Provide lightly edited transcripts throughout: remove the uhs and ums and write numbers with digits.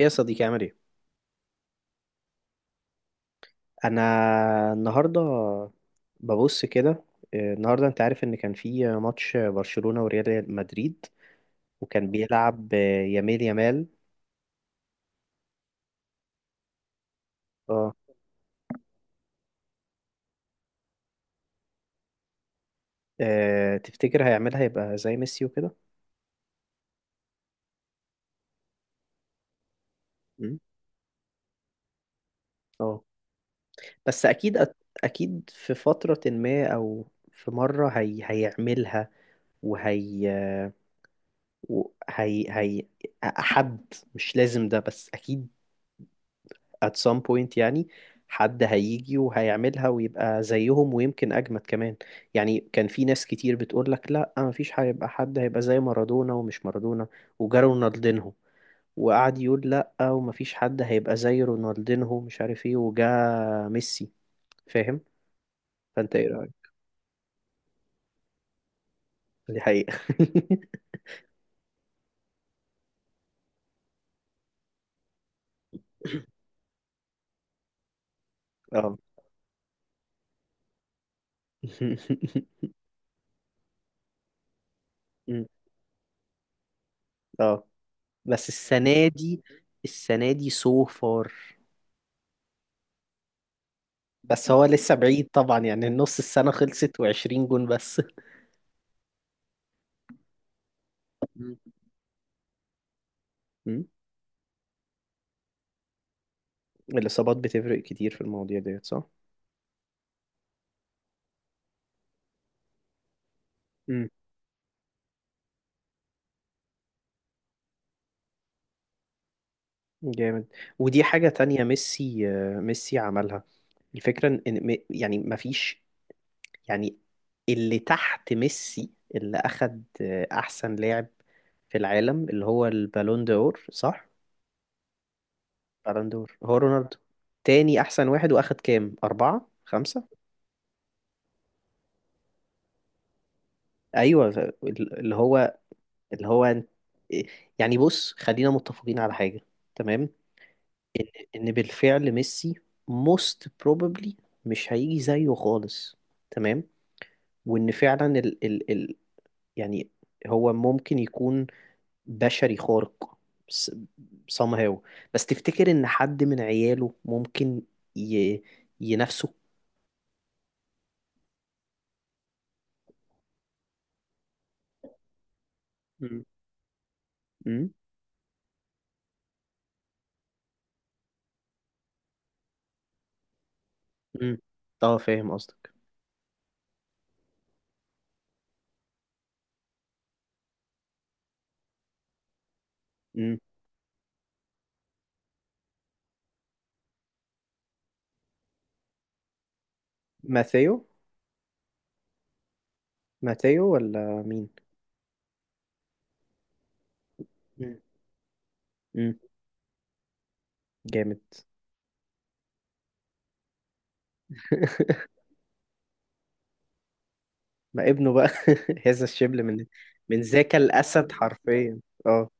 ايه يا صديقي، عامل ايه؟ انا النهارده ببص كده. النهارده انت عارف ان كان في ماتش برشلونة وريال مدريد، وكان بيلعب، يامال يامال. اه، تفتكر هيعملها يبقى زي ميسي وكده؟ مم. اه بس اكيد اكيد في فترة ما، او في مرة هيعملها، وهي وهي هي حد مش لازم ده، بس اكيد at some point يعني. حد هيجي وهيعملها ويبقى زيهم، ويمكن أجمد كمان. يعني كان في ناس كتير بتقول لك لا، مفيش هيبقى حد هيبقى زي مارادونا ومش مارادونا. وجا رونالدينهو، وقعد يقول لا، ومفيش حد هيبقى زي رونالدينهو مش عارف ايه، وجا ميسي. فاهم؟ فانت ايه رأيك؟ دي حقيقة. اه. اه. بس السنة دي سو فار. بس هو لسه بعيد طبعا، يعني النص السنة خلصت و20 جون بس. مم. مم. الإصابات بتفرق كتير في المواضيع ديت، صح؟ مم. جامد. ودي حاجة تانية، ميسي، ميسي عملها. الفكرة إن إن يعني مفيش يعني اللي تحت ميسي، اللي أخد أحسن لاعب في العالم اللي هو البالون دور، صح؟ بالون دور هو رونالدو. تاني أحسن واحد، وأخد كام؟ أربعة؟ خمسة؟ أيوة اللي هو، اللي هو أنت- يعني بص، خلينا متفقين على حاجة. تمام. ان بالفعل ميسي most probably مش هيجي زيه خالص. تمام. وان فعلا ال ال ال يعني هو ممكن يكون بشري خارق، s- somehow. بس تفتكر ان حد من عياله ممكن ي ينافسه؟ مم. مم. مم. اه، فاهم قصدك. مم. ماثيو. ماثيو ولا مين؟ مم. مم. جامد. ما ابنه بقى. هذا الشبل من من ذاك الأسد حرفيا. اه.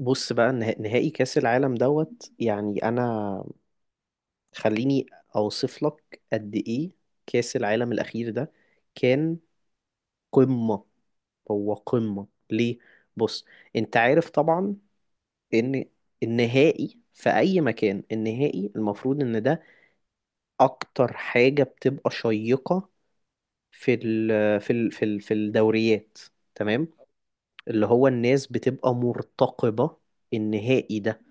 بص بقى، نهائي كأس العالم دوت، يعني أنا خليني أوصف لك قد إيه كأس العالم الأخير ده كان قمة. هو قمة ليه؟ بص، أنت عارف طبعا إن النهائي في أي مكان، النهائي المفروض إن ده أكتر حاجة بتبقى شيقة في ال في ال في ال في الدوريات، تمام؟ اللي هو الناس بتبقى مرتقبة النهائي ده،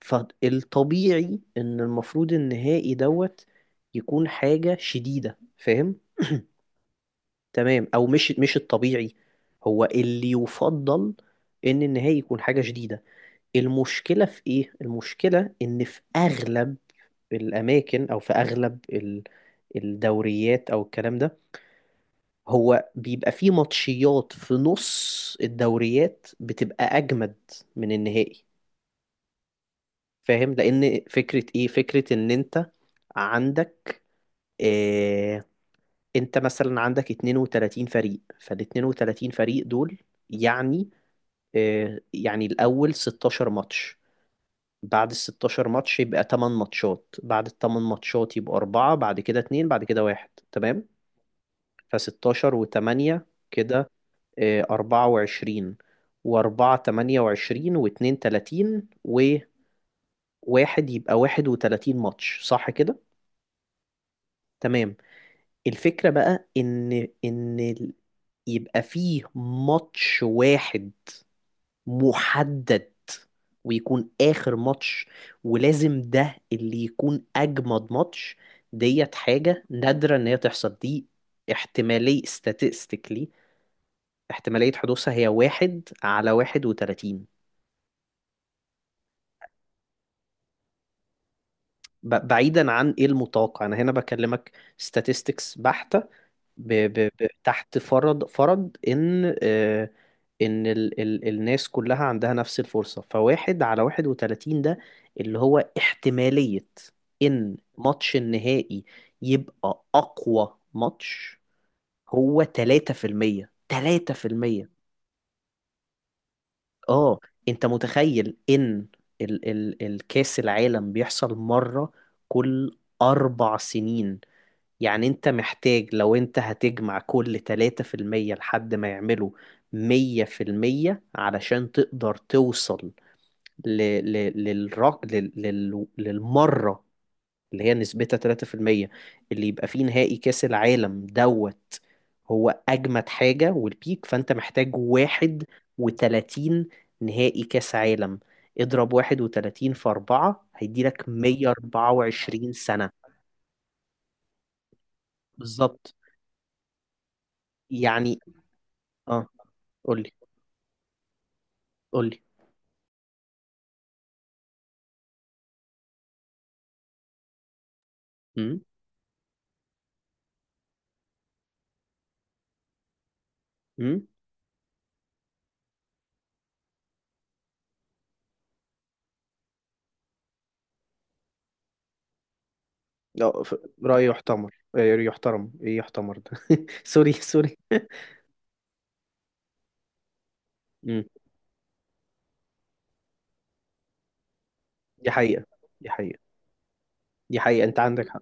فالطبيعي ان المفروض النهائي دوت يكون حاجة شديدة، فاهم. تمام، او مش مش الطبيعي هو اللي يفضل ان النهائي يكون حاجة شديدة. المشكلة في ايه؟ المشكلة ان في اغلب الاماكن، او في اغلب الدوريات او الكلام ده، هو بيبقى فيه ماتشيات في نص الدوريات بتبقى اجمد من النهائي. فاهم؟ لان فكره ايه؟ فكره ان انت عندك إيه انت مثلا عندك 32 فريق، فال 32 فريق دول يعني إيه؟ يعني الاول 16 ماتش، بعد ال 16 ماتش يبقى 8 ماتشات، بعد ال 8 ماتشات يبقى 4، بعد كده 2، بعد كده 1. تمام، ف 16 و8 كده إيه، 24، و4 28، و2 30، و1 يبقى 31 ماتش، صح كده؟ تمام. الفكرة بقى إن إن يبقى فيه ماتش واحد محدد ويكون آخر ماتش، ولازم ده اللي يكون أجمد ماتش. ديت حاجة نادرة إن هي تحصل دي، احتمالية statistically. احتمالية حدوثها هي واحد على واحد وتلاتين. بعيدا عن إيه المتوقع، أنا هنا بكلمك statistics بحتة، تحت فرض ان ان الناس كلها عندها نفس الفرصة، فواحد على واحد وتلاتين ده اللي هو احتمالية ان ماتش النهائي يبقى اقوى ماتش، هو تلاتة في المية. تلاتة في المية. اه انت متخيل ان الكاس العالم بيحصل مرة كل اربع سنين؟ يعني انت محتاج لو انت هتجمع كل 3% لحد ما يعملوا 100% علشان تقدر توصل ل... ل... للر... لل... لل... للمرة اللي هي نسبتها 3% اللي يبقى فيه نهائي كأس العالم دوت هو أجمد حاجة والبيك. فأنت محتاج واحد وتلاتين نهائي كأس عالم. اضرب واحد وتلاتين في أربعة هيديلك مية أربعة وعشرين سنة. بالظبط يعني. اه. قولي. قول لي. امم امم لا، رأي يحتمر، يحترم، ايه يحتمر ده؟ سوري، سوري. امم دي حقيقة، دي حقيقة، دي حقيقة، انت عندك حق.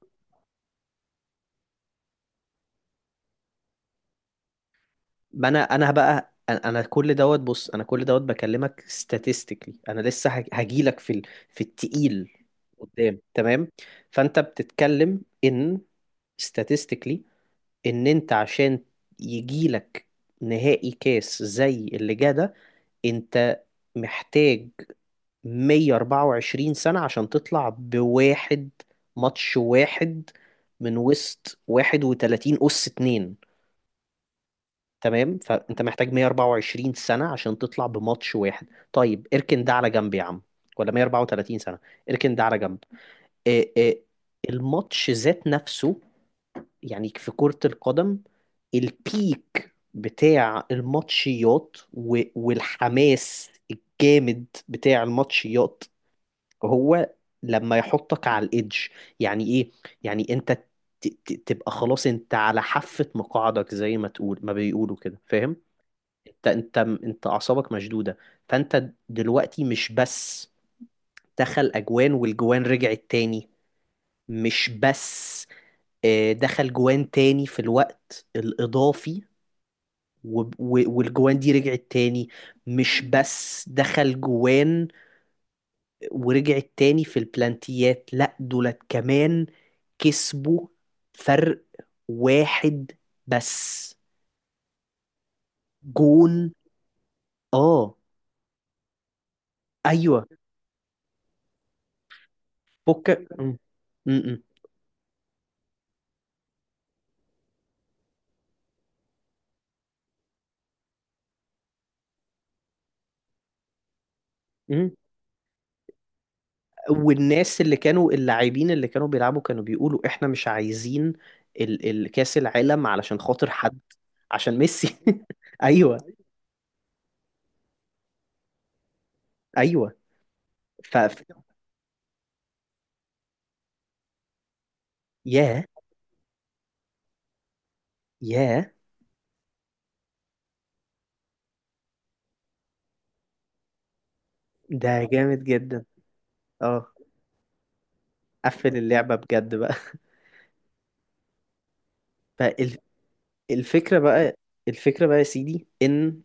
ما انا انا بقى، انا كل دوت، بص انا كل دوت بكلمك statistically. انا لسه هجيلك في في التقيل قدام، تمام. فانت بتتكلم ان statistically ان انت عشان يجيلك نهائي كاس زي اللي جه ده، انت محتاج 124 سنة عشان تطلع بواحد، ماتش واحد، من وسط 31 أس اتنين. تمام، فأنت محتاج 124 سنة عشان تطلع بماتش واحد. طيب اركن ده على جنب يا عم، ولا 134 سنة. اركن ده على جنب. إيه إيه الماتش ذات نفسه يعني في كرة القدم، البيك بتاع الماتشيات والحماس الجامد بتاع الماتشيات هو لما يحطك على الإيدج. يعني إيه؟ يعني أنت تبقى خلاص، أنت على حافة مقاعدك زي ما تقول ما بيقولوا كده، فاهم؟ أنت أعصابك مشدودة. فأنت دلوقتي مش بس دخل أجوان والجوان رجعت تاني، مش بس دخل جوان تاني في الوقت الإضافي والجوان دي رجعت تاني، مش بس دخل جوان ورجعت تاني في البلانتيات، لا دولت كمان كسبوا فرق واحد بس جون. اه. ايوه. م- م- م- م. والناس اللي كانوا اللاعبين اللي كانوا بيلعبوا كانوا بيقولوا احنا مش عايزين الكاس العالم علشان خاطر حد، عشان ميسي. ايوه. ايوه. ف ف- ياه. ياه. ده جامد جدا. اه قفل اللعبة بجد بقى. فال الفكرة بقى. يا سيدي ان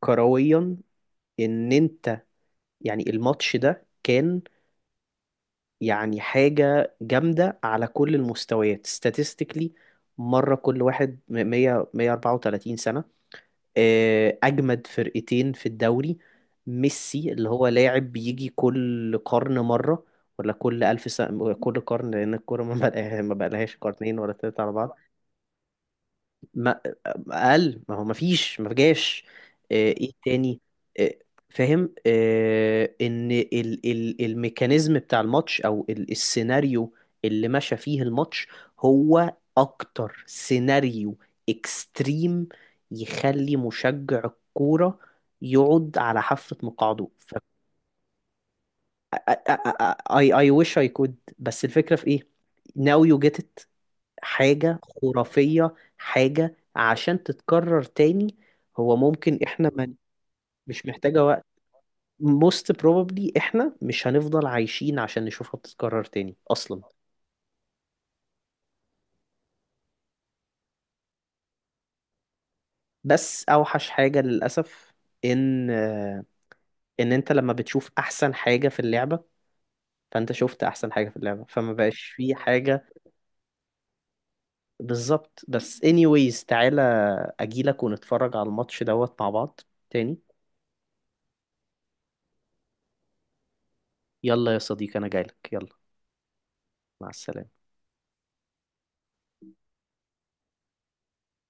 كرويا ان انت يعني الماتش ده كان، يعني حاجة جامدة على كل المستويات statistically. مرة كل واحد 100 134 سنة، أجمد فرقتين في الدوري، ميسي اللي هو لاعب بيجي كل قرن مرة، ولا كل ألف سنة، كل قرن، لأن الكورة ما بقالهاش قرنين ولا تلاتة على بعض. ما اقل ما هو ما فيش، ما جاش. ايه تاني؟ آه، فاهم، ان ال ال الميكانيزم بتاع الماتش، او السيناريو اللي مشى فيه الماتش هو اكتر سيناريو اكستريم يخلي مشجع الكورة يقعد على حافة مقعده. ف I I I wish I could، بس الفكرة في ايه؟ Now you get it. حاجة خرافية، حاجة عشان تتكرر تاني هو ممكن احنا ما، مش محتاجة وقت. Most probably احنا مش هنفضل عايشين عشان نشوفها بتتكرر تاني اصلا. بس اوحش حاجة للأسف ان، انت لما بتشوف احسن حاجة في اللعبة، فانت شفت احسن حاجة في اللعبة فما بقاش في حاجة. بالظبط. بس anyways تعالى اجيلك ونتفرج على الماتش دوت مع بعض تاني. يلا يا صديقي انا جايلك، يلا. مع السلامة.